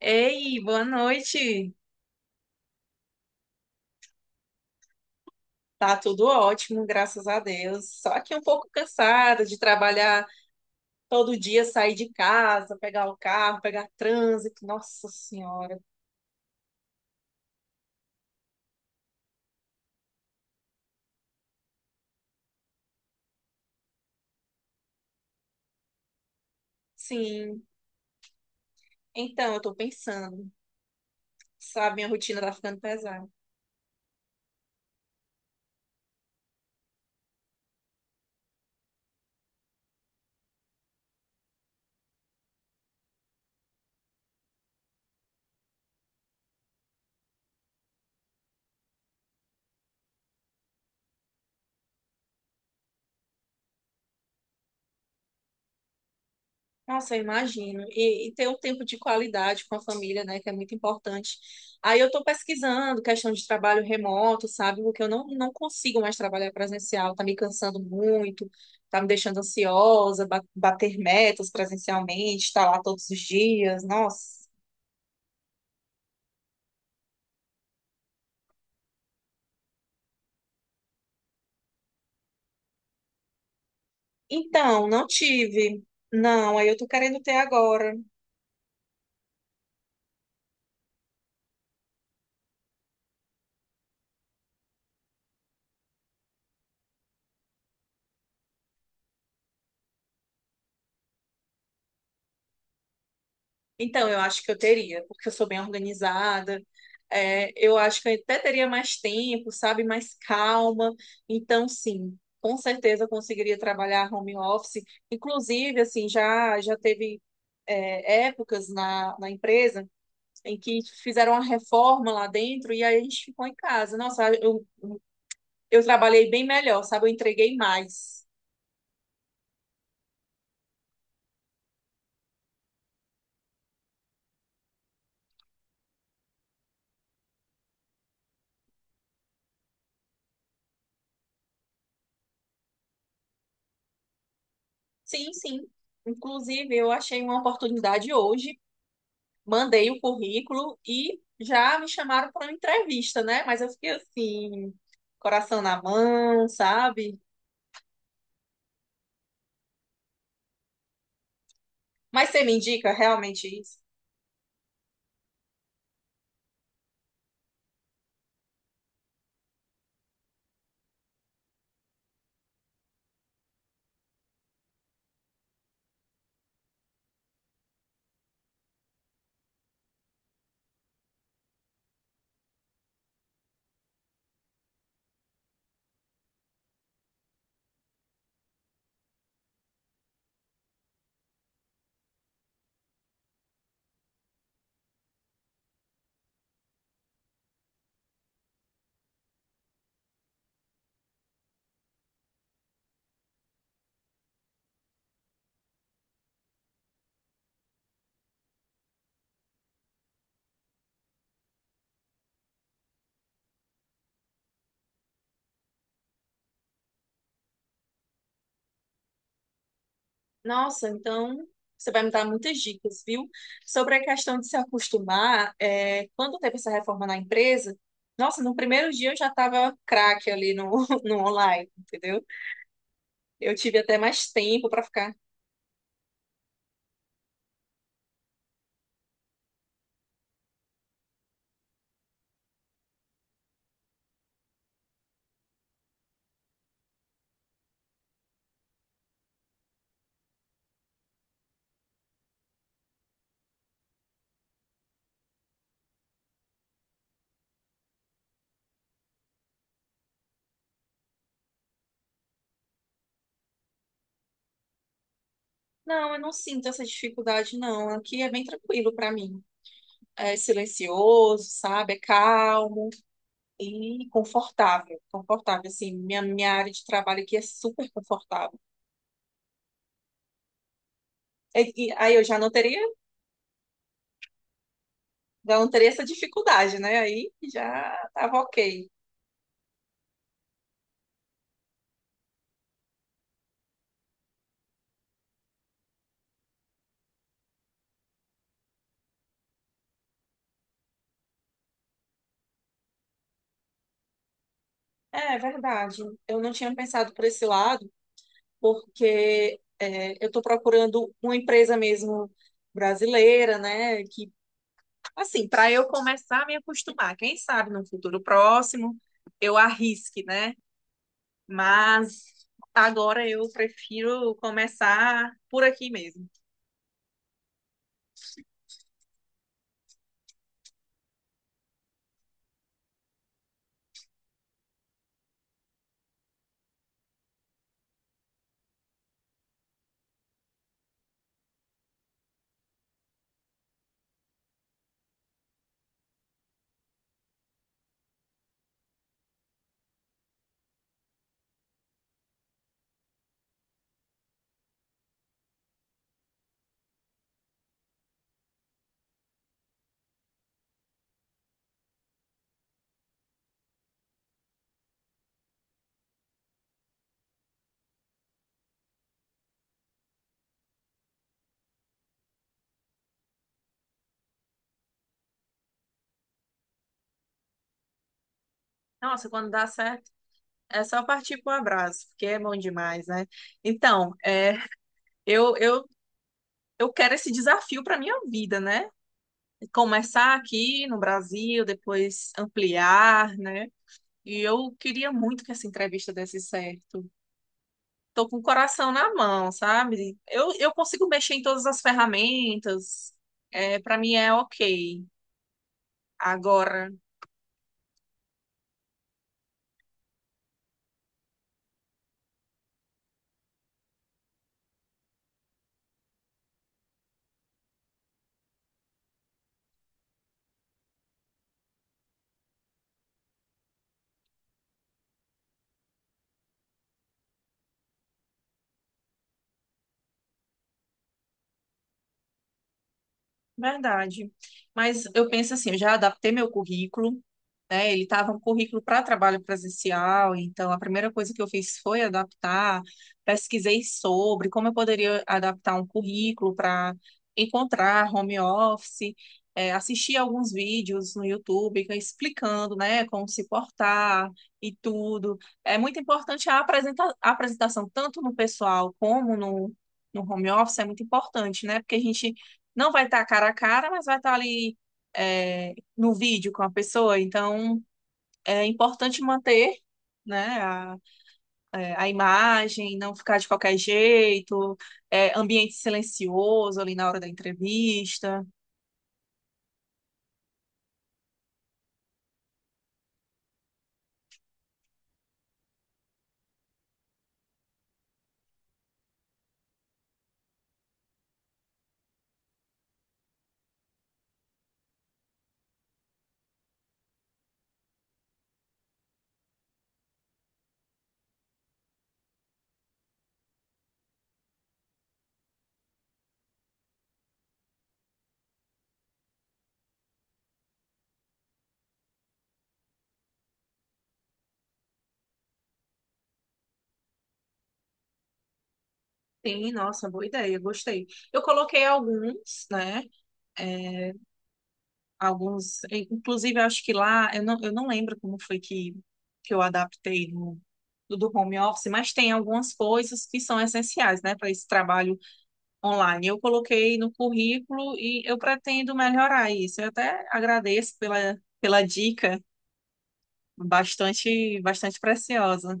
Ei, boa noite. Tá tudo ótimo, graças a Deus. Só que um pouco cansada de trabalhar todo dia, sair de casa, pegar o carro, pegar trânsito. Nossa Senhora. Sim. Então, eu tô pensando, sabe, minha rotina tá ficando pesada. Nossa, eu imagino. E ter um tempo de qualidade com a família, né, que é muito importante. Aí eu estou pesquisando questão de trabalho remoto, sabe? Porque eu não consigo mais trabalhar presencial, tá me cansando muito, tá me deixando ansiosa, bater metas presencialmente, estar lá todos os dias, nossa. Então, não tive. Não, aí eu tô querendo ter agora. Então, eu acho que eu teria, porque eu sou bem organizada. É, eu acho que eu até teria mais tempo, sabe? Mais calma. Então, sim, com certeza eu conseguiria trabalhar home office. Inclusive, assim, já teve, épocas na empresa em que fizeram uma reforma lá dentro e aí a gente ficou em casa. Nossa, eu trabalhei bem melhor, sabe? Eu entreguei mais. Sim, sim. Inclusive, eu achei uma oportunidade hoje, mandei o currículo e já me chamaram para uma entrevista, né? Mas eu fiquei assim, coração na mão, sabe? Mas você me indica realmente isso? Nossa, então você vai me dar muitas dicas, viu? Sobre a questão de se acostumar, é, quando teve essa reforma na empresa, nossa, no primeiro dia eu já estava craque ali no, no online, entendeu? Eu tive até mais tempo para ficar. Não, eu não sinto essa dificuldade, não. Aqui é bem tranquilo para mim. É silencioso, sabe? É calmo e confortável, confortável, assim, minha área de trabalho aqui é super confortável. E, e aí eu já não teria essa dificuldade, né? Aí já tava ok. É, é verdade. Eu não tinha pensado por esse lado, porque é, eu estou procurando uma empresa mesmo brasileira, né? Que, assim, para eu começar a me acostumar, quem sabe no futuro próximo eu arrisque, né? Mas agora eu prefiro começar por aqui mesmo. Nossa, quando dá certo, é só partir pro abraço, porque é bom demais, né? Então, é, eu, eu, eu quero esse desafio para minha vida, né? Começar aqui no Brasil, depois ampliar, né? E eu queria muito que essa entrevista desse certo. Tô com o coração na mão, sabe? Eu consigo mexer em todas as ferramentas, é, para mim é ok. Agora. Verdade. Mas eu penso assim, eu já adaptei meu currículo, né? Ele estava um currículo para trabalho presencial, então a primeira coisa que eu fiz foi adaptar, pesquisei sobre como eu poderia adaptar um currículo para encontrar home office, assisti alguns vídeos no YouTube explicando, né, como se portar e tudo. É muito importante a a apresentação, tanto no pessoal como no, no home office, é muito importante, né? Porque a gente não vai estar cara a cara, mas vai estar ali, é, no vídeo com a pessoa. Então, é importante manter, né, a, é, a imagem, não ficar de qualquer jeito, é, ambiente silencioso ali na hora da entrevista. Sim, nossa, boa ideia, gostei. Eu coloquei alguns, né, é, alguns, inclusive eu acho que lá, eu não lembro como foi que eu adaptei no do home office, mas tem algumas coisas que são essenciais, né, para esse trabalho online. Eu coloquei no currículo e eu pretendo melhorar isso. Eu até agradeço pela dica, bastante, bastante preciosa.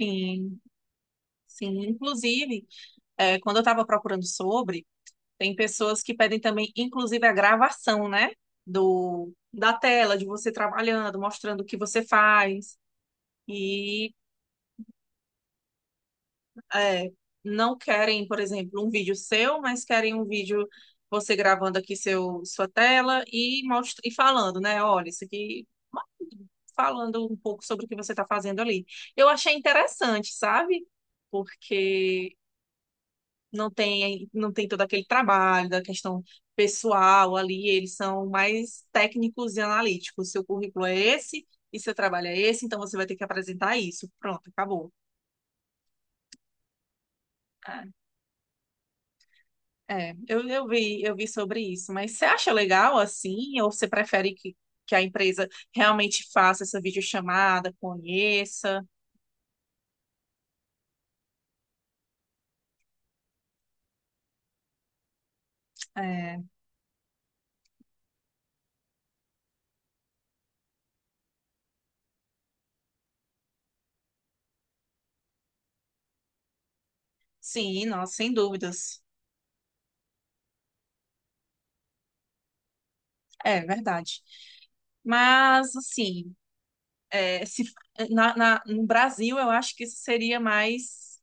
Sim, sim. Inclusive, é, quando eu estava procurando sobre, tem pessoas que pedem também, inclusive, a gravação, né? Da tela, de você trabalhando, mostrando o que você faz. E é, não querem, por exemplo, um vídeo seu, mas querem um vídeo você gravando aqui seu, sua tela e, e falando, né? Olha, isso aqui, falando um pouco sobre o que você está fazendo ali. Eu achei interessante, sabe? Porque não tem todo aquele trabalho da questão pessoal ali, eles são mais técnicos e analíticos. Seu currículo é esse e seu trabalho é esse, então você vai ter que apresentar isso. Pronto, acabou. É, eu vi sobre isso, mas você acha legal assim, ou você prefere que a empresa realmente faça essa videochamada, conheça? É, sim, nossa, sem dúvidas. É verdade. Mas assim, é, se, na, no Brasil eu acho que isso seria mais,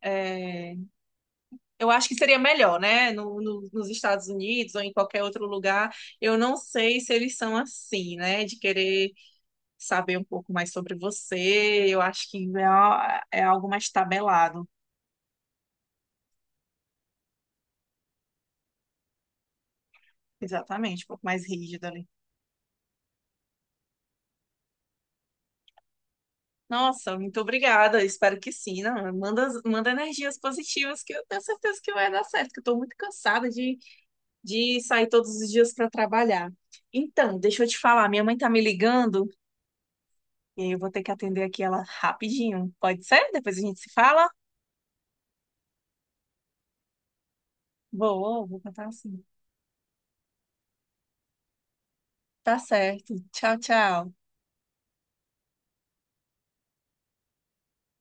é, eu acho que seria melhor, né? No, nos Estados Unidos ou em qualquer outro lugar, eu não sei se eles são assim, né? De querer saber um pouco mais sobre você. Eu acho que é, é algo mais tabelado, exatamente, um pouco mais rígido ali. Nossa, muito obrigada. Espero que sim. Não, manda, manda energias positivas, que eu tenho certeza que vai dar certo, que eu estou muito cansada de sair todos os dias para trabalhar. Então, deixa eu te falar, minha mãe tá me ligando e aí eu vou ter que atender aqui ela rapidinho. Pode ser? Depois a gente se fala? Vou, vou cantar assim. Tá certo. Tchau, tchau.